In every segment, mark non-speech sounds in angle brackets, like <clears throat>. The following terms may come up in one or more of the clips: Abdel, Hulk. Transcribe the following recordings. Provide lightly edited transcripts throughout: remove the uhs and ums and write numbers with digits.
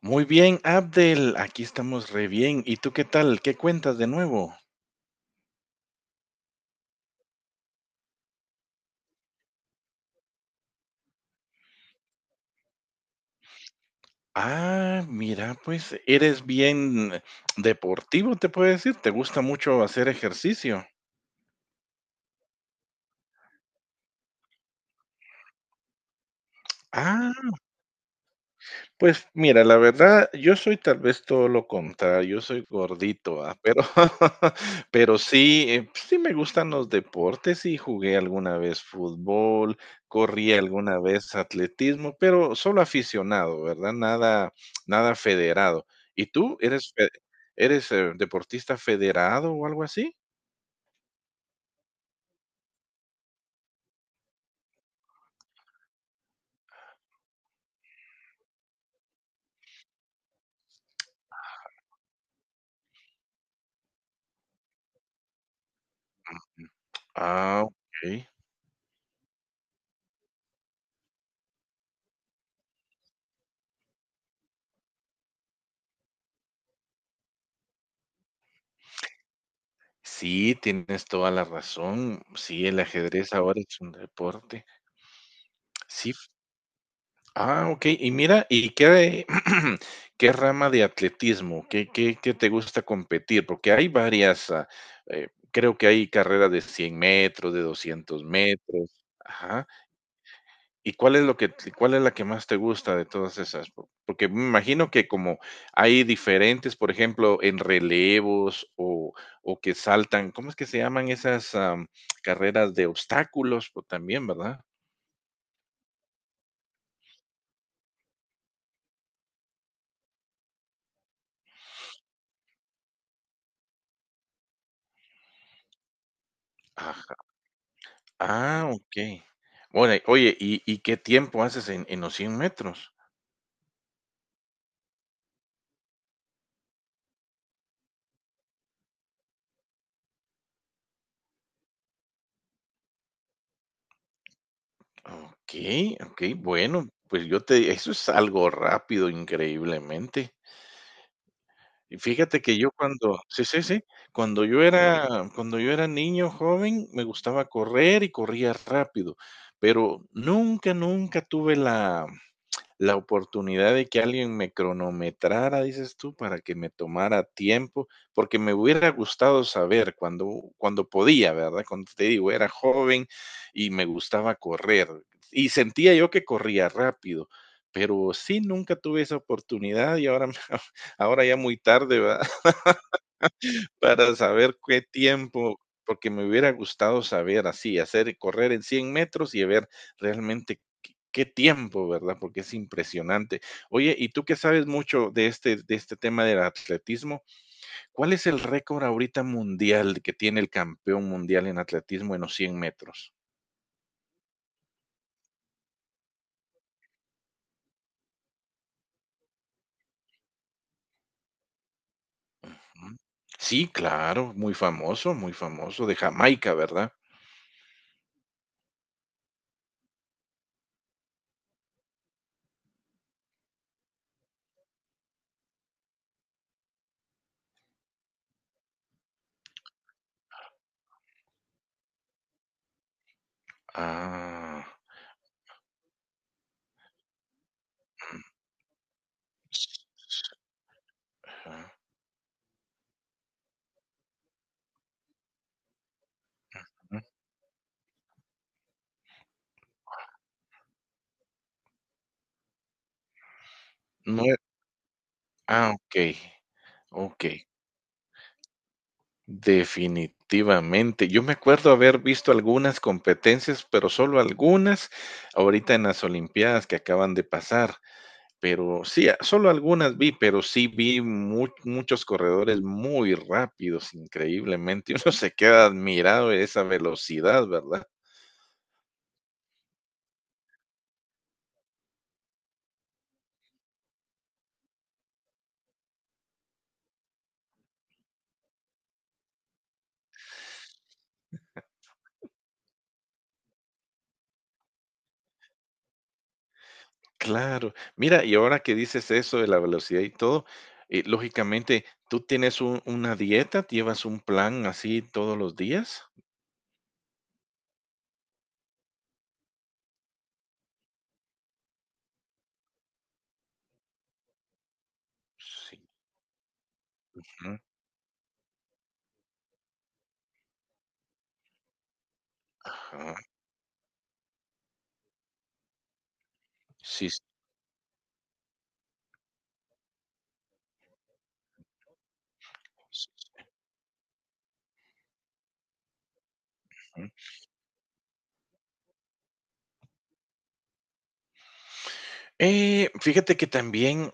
Muy bien, Abdel, aquí estamos re bien. ¿Y tú qué tal? ¿Qué cuentas de nuevo? Ah, mira, pues eres bien deportivo, te puedo decir. ¿Te gusta mucho hacer ejercicio? Ah, pues mira, la verdad, yo soy tal vez todo lo contrario, yo soy gordito, ¿va? Pero, <laughs> pero sí, pues sí me gustan los deportes y jugué alguna vez fútbol, corrí alguna vez atletismo, pero solo aficionado, ¿verdad? Nada, nada federado. ¿Y tú eres deportista federado o algo así? Ah, ok. Sí, tienes toda la razón. Sí, el ajedrez ahora es un deporte. Sí. Ah, okey. Y mira, ¿y qué <clears throat> qué rama de atletismo? ¿Qué te gusta competir? Porque hay varias, creo que hay carreras de 100 metros, de 200 metros. Ajá. ¿Y cuál es la que más te gusta de todas esas? Po porque me imagino que como hay diferentes, por ejemplo, en relevos o que saltan, ¿cómo es que se llaman esas, carreras de obstáculos? Pues, también, ¿verdad? Aj Ah, okey. Ora oye, ¿y qué tiempo haces en los 100 metros? Okey, okey, bueno, pues yo te eso es algo rápido, increíblemente. Y fíjate que yo cuando sí, sí, sí, cuando yo era cuando yo era niño joven, me gustaba correr y corría rápido, pero nunca, nunca tuve la oportunidad de que alguien me cronometrara, dices tú, para que me tomara tiempo, porque me hubiera gustado saber cuando podía, ¿verdad? Cuando te digo, era joven y me gustaba correr y sentía yo que corría rápido, pero sí, nunca tuve esa oportunidad y ahora, <laughs> ahora ya muy tarde, ¿verdad? Para saber qué tiempo, porque me hubiera gustado saber así, hacer correr en 100 metros y ver realmente qué tiempo, ¿verdad? Porque es impresionante. Oye, y tú que sabes mucho de este tema del atletismo, ¿cuál es el récord ahorita mundial que tiene el campeón mundial en atletismo en los 100 metros? Ujú. Sí, claro, muy famoso, de Jamaica, ¿verdad? Ah. s- s- ah, Ujú. No, ah, okey, okey. Definitivamente. Yo me acuerdo haber visto algunas competencias, pero solo algunas, ahorita en las Olimpiadas que acaban de pasar, pero sí, solo algunas vi, pero sí vi muchos corredores muy rápidos, increíblemente. <laughs> Uno se queda admirado de esa velocidad, ¿verdad? Claro. Mira, y ahora que dices eso de la velocidad y todo, lógicamente, ¿tú tienes una dieta? ¿Llevas un plan así todos los días? Sí, ujú, ajá, sí, sí, sí, sí, ujú. Fíjate que también,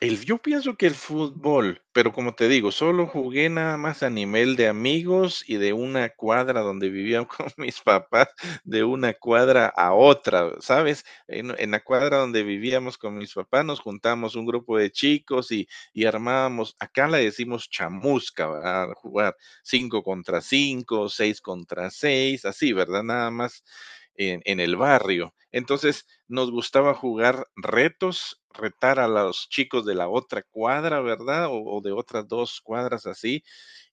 Yo pienso que el fútbol, pero como te digo, solo jugué nada más a nivel de amigos y de una cuadra donde vivían <laughs> con mis papás, de una cuadra a otra, ¿sabes? En la cuadra donde vivíamos con mis papás nos juntamos un grupo de chicos y armábamos, acá le decimos chamusca, ¿verdad? Jugar cinco contra cinco, seis contra seis, así, ¿verdad? Nada más en el barrio. Entonces, nos gustaba jugar retos, retar a los chicos de la otra cuadra, ¿verdad? O de otras dos cuadras así.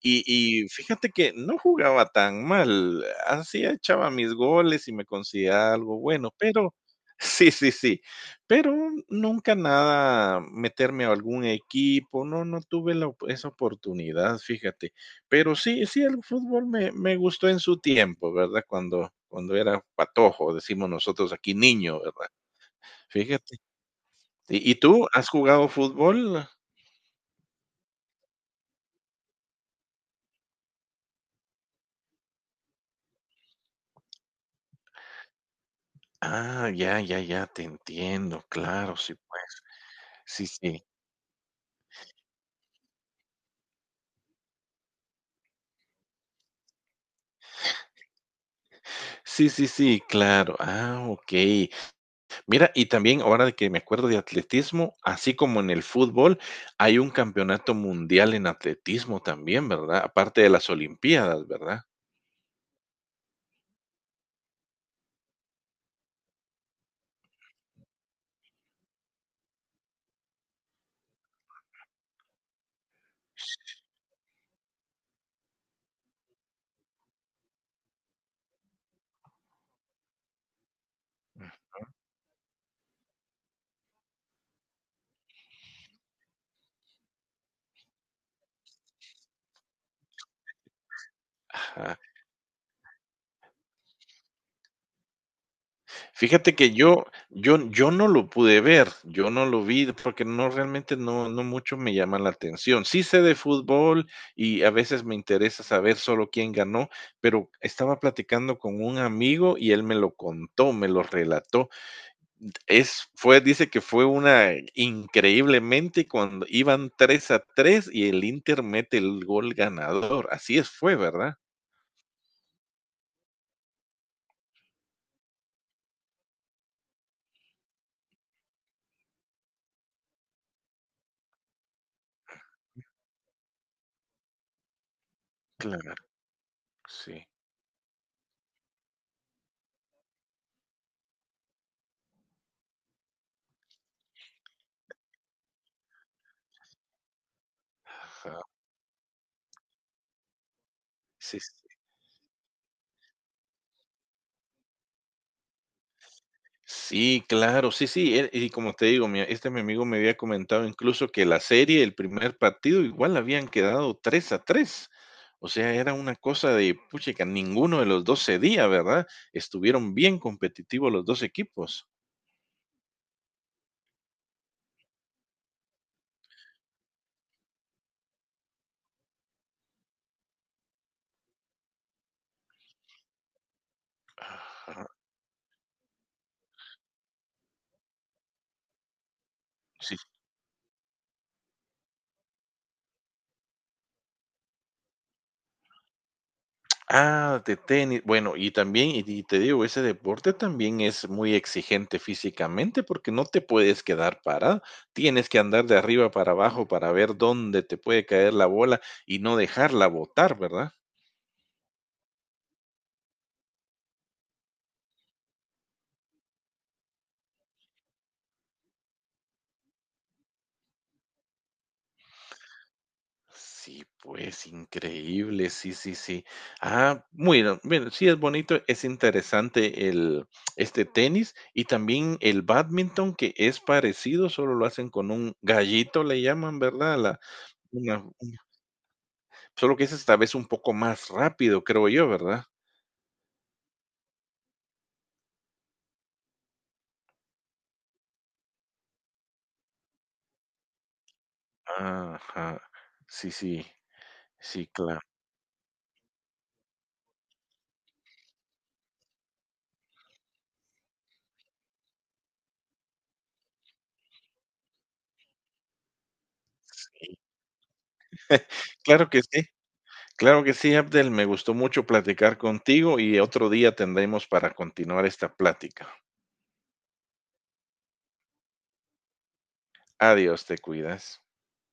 Y, y fíjate que no jugaba tan mal, así echaba mis goles y me consideraba algo bueno, pero <laughs> sí, sí, sí, pero nunca nada meterme a algún equipo, no tuve la esa oportunidad, fíjate. Pero sí, sí, el fútbol me gustó en su tiempo, ¿verdad? Cuando era patojo, decimos nosotros aquí niño, ¿verdad? Fíjate. ¿Y tú has jugado fútbol? Ah, ya, ya, ya, te entiendo. Claro, sí, pues. Sí, sí. Sí, sí, sí, claro. Ah, okey. Mira, y también ahora que me acuerdo de atletismo, así como en el fútbol, hay un campeonato mundial en atletismo también, ¿verdad? Aparte de las olimpiadas, ¿verdad? Ajá. Fíjate que yo no lo pude ver, yo no lo vi, porque no, realmente no mucho me llama la atención. Sí sé de fútbol y a veces me interesa saber solo quién ganó, pero estaba platicando con un amigo y él me lo contó, me lo relató. Es fue Dice que fue una increíblemente cuando iban 3-3 y el Inter mete el gol ganador. Así es fue, ¿verdad? Claro, sí. Ajá. Sí. Sí, claro, sí, sí, y como te digo, mi amigo me había comentado incluso que la serie, el primer partido, igual habían quedado 3-3. O sea, era una cosa de, puchica, ninguno de los 2 cedía, ¿verdad? Estuvieron bien competitivos los dos equipos. Ajá. Ah, de tenis. Bueno, y también, y te digo, ese deporte también es muy exigente físicamente porque no te puedes quedar parado. Tienes que andar de arriba para abajo para ver dónde te puede caer la bola y no dejarla botar, ¿verdad? Sí, pues increíble, sí, sí, sí. Ah, muy bien, bueno, sí es bonito, es interesante el tenis y también el badminton que es parecido, solo lo hacen con un gallito, le llaman, ¿verdad? La, una Solo que es esta vez un poco más rápido, creo yo, ¿verdad? Ajá. Sí, sí. Sí, claro. Claro que sí. Claro que sí, Abdel. Me gustó mucho platicar contigo y otro día tendremos para continuar esta plática. Adiós, te cuidas.